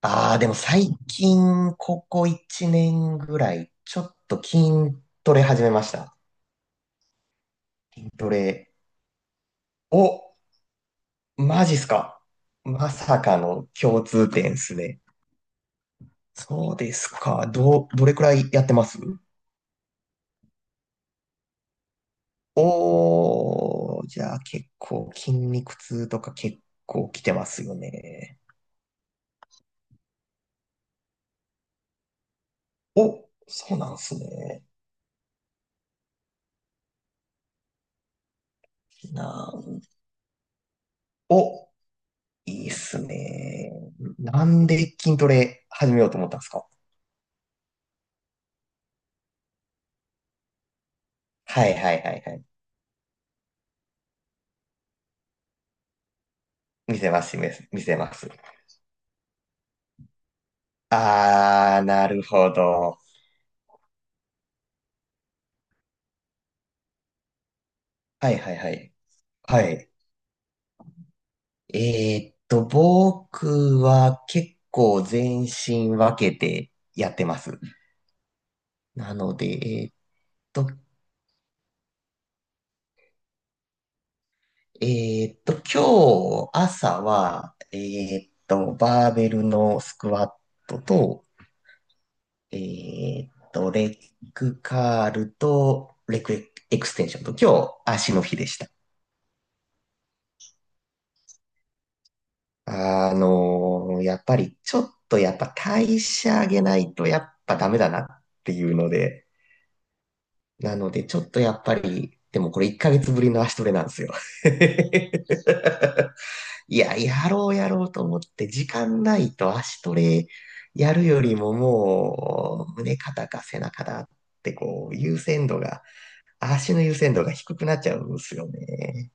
ああ、でも最近、ここ1年ぐらい、ちょっと筋トレ始めました。筋トレ。お、マジっすか。まさかの共通点っすね。そうですか。どれくらいやってます？おー、じゃあ結構筋肉痛とか結構来てますよね。お、そうなんすね。なん、お、いいっすね。なんで筋トレ始めようと思ったんですか？はいはいはいはい。見せます、見せます。あー、なるほど。はいはいはい。はい。僕は結構全身分けてやってます。なので、と、えーっと、今日朝は、バーベルのスクワットと、レッグカールと、レッグエクステンションと、今日足の日でした。あの、やっぱりちょっとやっぱ代謝上げないとやっぱダメだなっていうので、なのでちょっとやっぱり、でもこれ1ヶ月ぶりの足トレなんですよ。いや、やろうやろうと思って時間ないと足トレやるよりももう胸肩か背中だってこう優先度が、足の優先度が低くなっちゃうんですよね。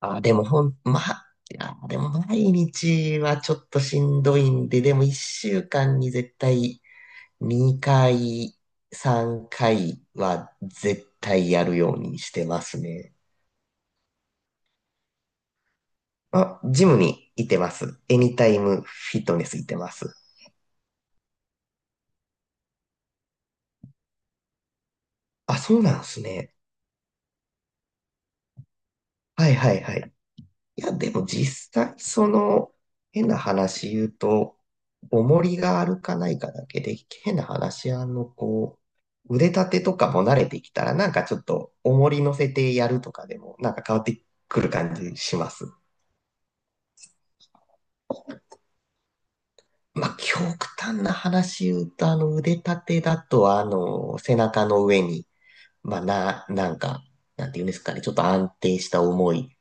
あ、でもまあ、いやでも毎日はちょっとしんどいんで、でも一週間に絶対2回、3回は絶対やるようにしてますね。あ、ジムに行ってます。エニタイムフィットネス行ってます。あ、そうなんですね。はいはいはい。いや、でも実際、その、変な話言うと、重りがあるかないかだけで、変な話、あの、こう、腕立てとかも慣れてきたら、なんかちょっと、重り乗せてやるとかでも、なんか変わってくる感じします。まあ、極端な話言うと、あの、腕立てだと、あの、背中の上に、まあ、なんか、なんて言うんですかね、ちょっと安定した重い、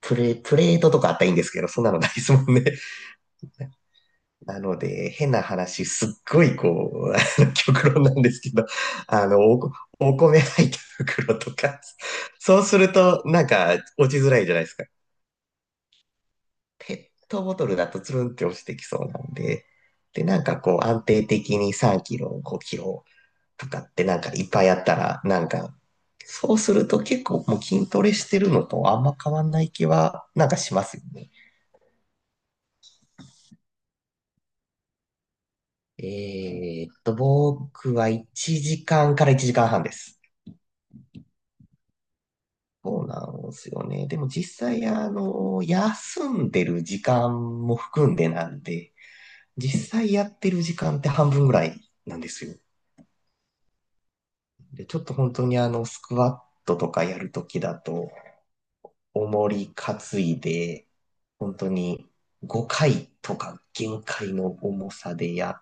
プレートとかあったらいいんですけど、そんなのないですもんね。なので、変な話、すっごいこう、あの極論なんですけど、あの、お米入った袋とか、そうすると、なんか、落ちづらいじゃないですか。ペットボトルだとつるんって落ちてきそうなんで、で、なんかこう、安定的に3キロ、5キロとかってなんかいっぱいあったら、なんか、そうすると結構もう筋トレしてるのとあんま変わんない気は、なんかしますよね。僕は1時間かんから1時間半です。そうなんですよね。でも実際、あの、休んでる時間も含んでなんで、実際やってる時間って半分ぐらいなんですよ。で、ちょっと本当にあの、スクワットとかやるときだと、重り担いで、本当に5回とか限界の重さでやっ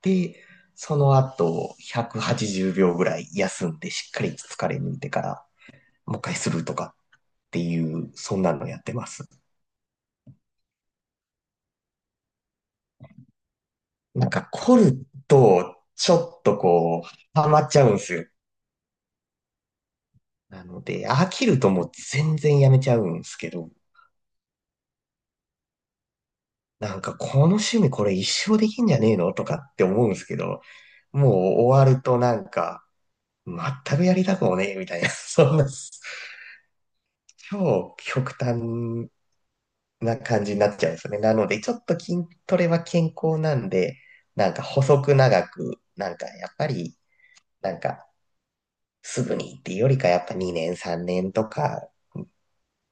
て、その後180秒ぐらい休んでしっかり疲れ抜いてからもう一回するとかっていう、そんなのやってます。なんか凝ると、ちょっとこう、ハマっちゃうんですよ。なので、飽きるともう全然やめちゃうんですけど、なんかこの趣味これ一生できんじゃねえのとかって思うんですけど、もう終わるとなんか、全くやりたくもねえみたいな、そんな、超極端な感じになっちゃうんですよね。なので、ちょっと筋トレは健康なんで、なんか細く長く、なんかやっぱり、なんかすぐにっていうよりかやっぱ2年3年とか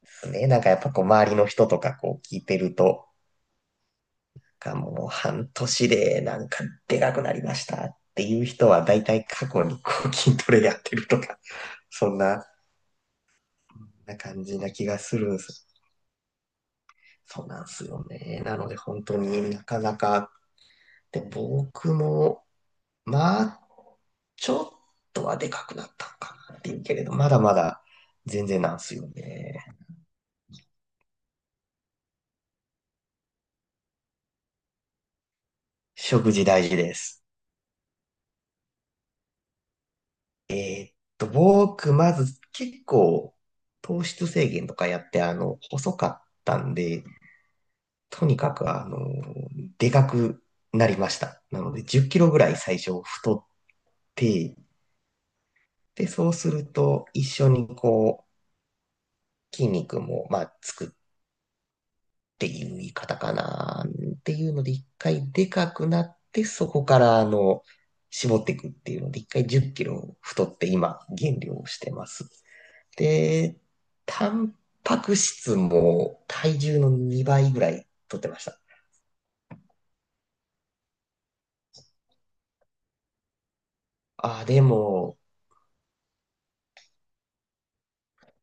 すね。なんかやっぱこう周りの人とかこう聞いてると、かもう半年でなんかでかくなりましたっていう人は大体過去にこう筋トレやってるとか、そんな感じな気がするんです。そうなんですよね。なので本当になかなか、で、僕も、まあ、ちょっとはでかくなったのかなっていうけれど、まだまだ全然なんですよね。食事大事です。え僕、まず結構糖質制限とかやって、あの、細かったんで、とにかく、あの、でかくなりました。なので、10キロぐらい最初太って、で、そうすると、一緒にこう、筋肉も、まあ、つくっていう言い方かな、っていうので、一回でかくなって、そこから、あの、絞っていくっていうので、一回10キロ太って、今、減量してます。で、タンパク質も体重の2倍ぐらい取ってました。あ、でも、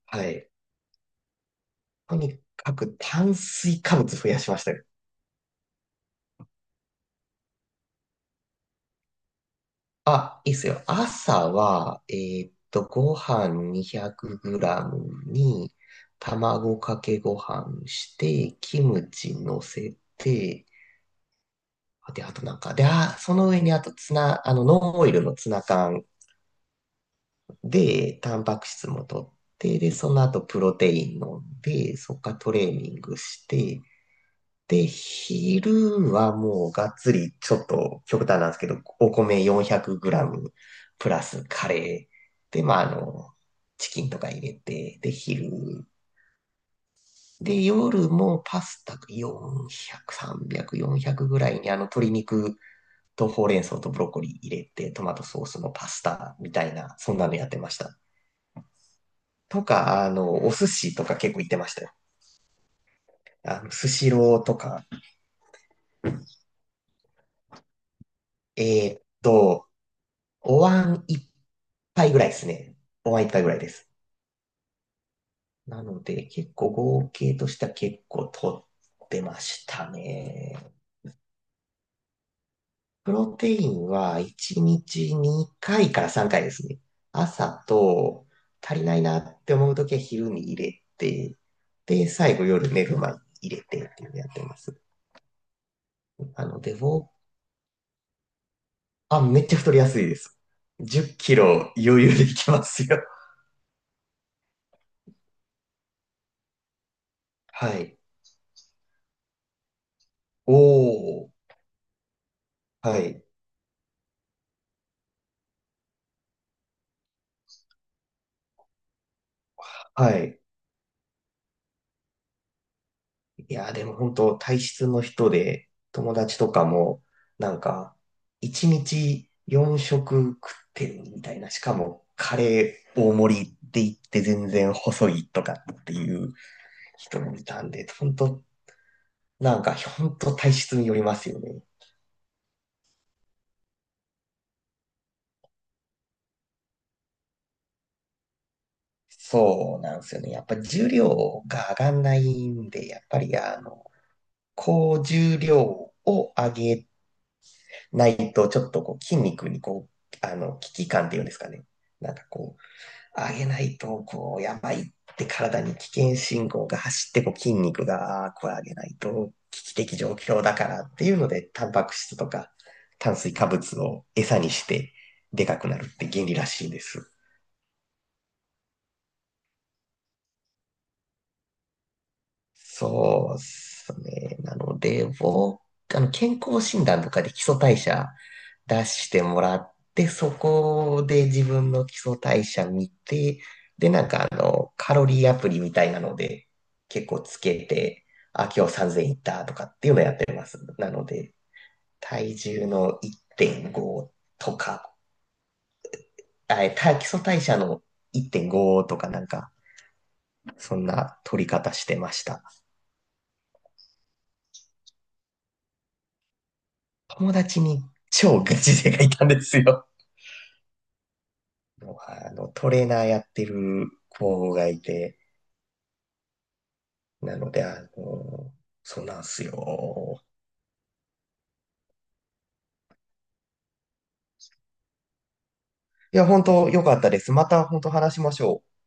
はい。とにかく炭水化物増やしましたよ。あ、いいっすよ。朝は、ご飯 200g に、卵かけご飯して、キムチ乗せて、で、あとなんか、で、あ、その上にあとツナ、あの、ノンオイルのツナ缶で、タンパク質も取って、で、その後プロテイン飲んで、そっからトレーニングして、で、昼はもうがっつり、ちょっと極端なんですけど、お米 400g プラスカレー。で、まあ、あの、チキンとか入れて、で、昼。で、夜もパスタ400、300、400ぐらいにあの鶏肉とほうれん草とブロッコリー入れて、トマトソースのパスタみたいな、そんなのやってました。とか、あの、お寿司とか結構行ってましたよ。あの、スシローとか。えーっと、お椀一杯ぐらいですね。お椀一杯ぐらいです。なので、結構合計としては結構取ってましたね。プロテインは1日2回かいから3回ですね。朝と足りないなって思うときは昼に入れて、で、最後夜寝る前に入れてっていうのやってます。なので、ウォーあ、めっちゃ太りやすいです。10キロ余裕でいけますよ。はい。おー。はい。はい。いやでも本当体質の人で、友達とかも、なんか、1日4食食ってるみたいな。しかも、カレー大盛りって言って全然細いとかっていう人もいたんで、本当なんか、本当体質によりますよね。そうなんですよね。やっぱ重量が上がんないんで、やっぱりあの、高重量を上げないと、ちょっとこう筋肉にこう、あの、危機感っていうんですかね。なんかこう、上げないと、こう、やばいって体に危険信号が走って、こう筋肉が、ああ、これ上げないと危機的状況だからっていうので、タンパク質とか炭水化物を餌にしてでかくなるって原理らしいです。そうですね。なので、僕、あの、健康診断とかで基礎代謝出してもらって、そこで自分の基礎代謝見て、で、なんかあの、カロリーアプリみたいなので、結構つけて、あ、今日3000いったとかっていうのやってます。なので、体重の1.5とか、あ、えた基礎代謝の1.5とかなんか、そんな取り方してました。友達に超ガチ勢がいたんですよ。もうあの、トレーナーやってる子がいて、なので、あの、そうなんすよ。いや、本当良かったです。また本当話しましょう。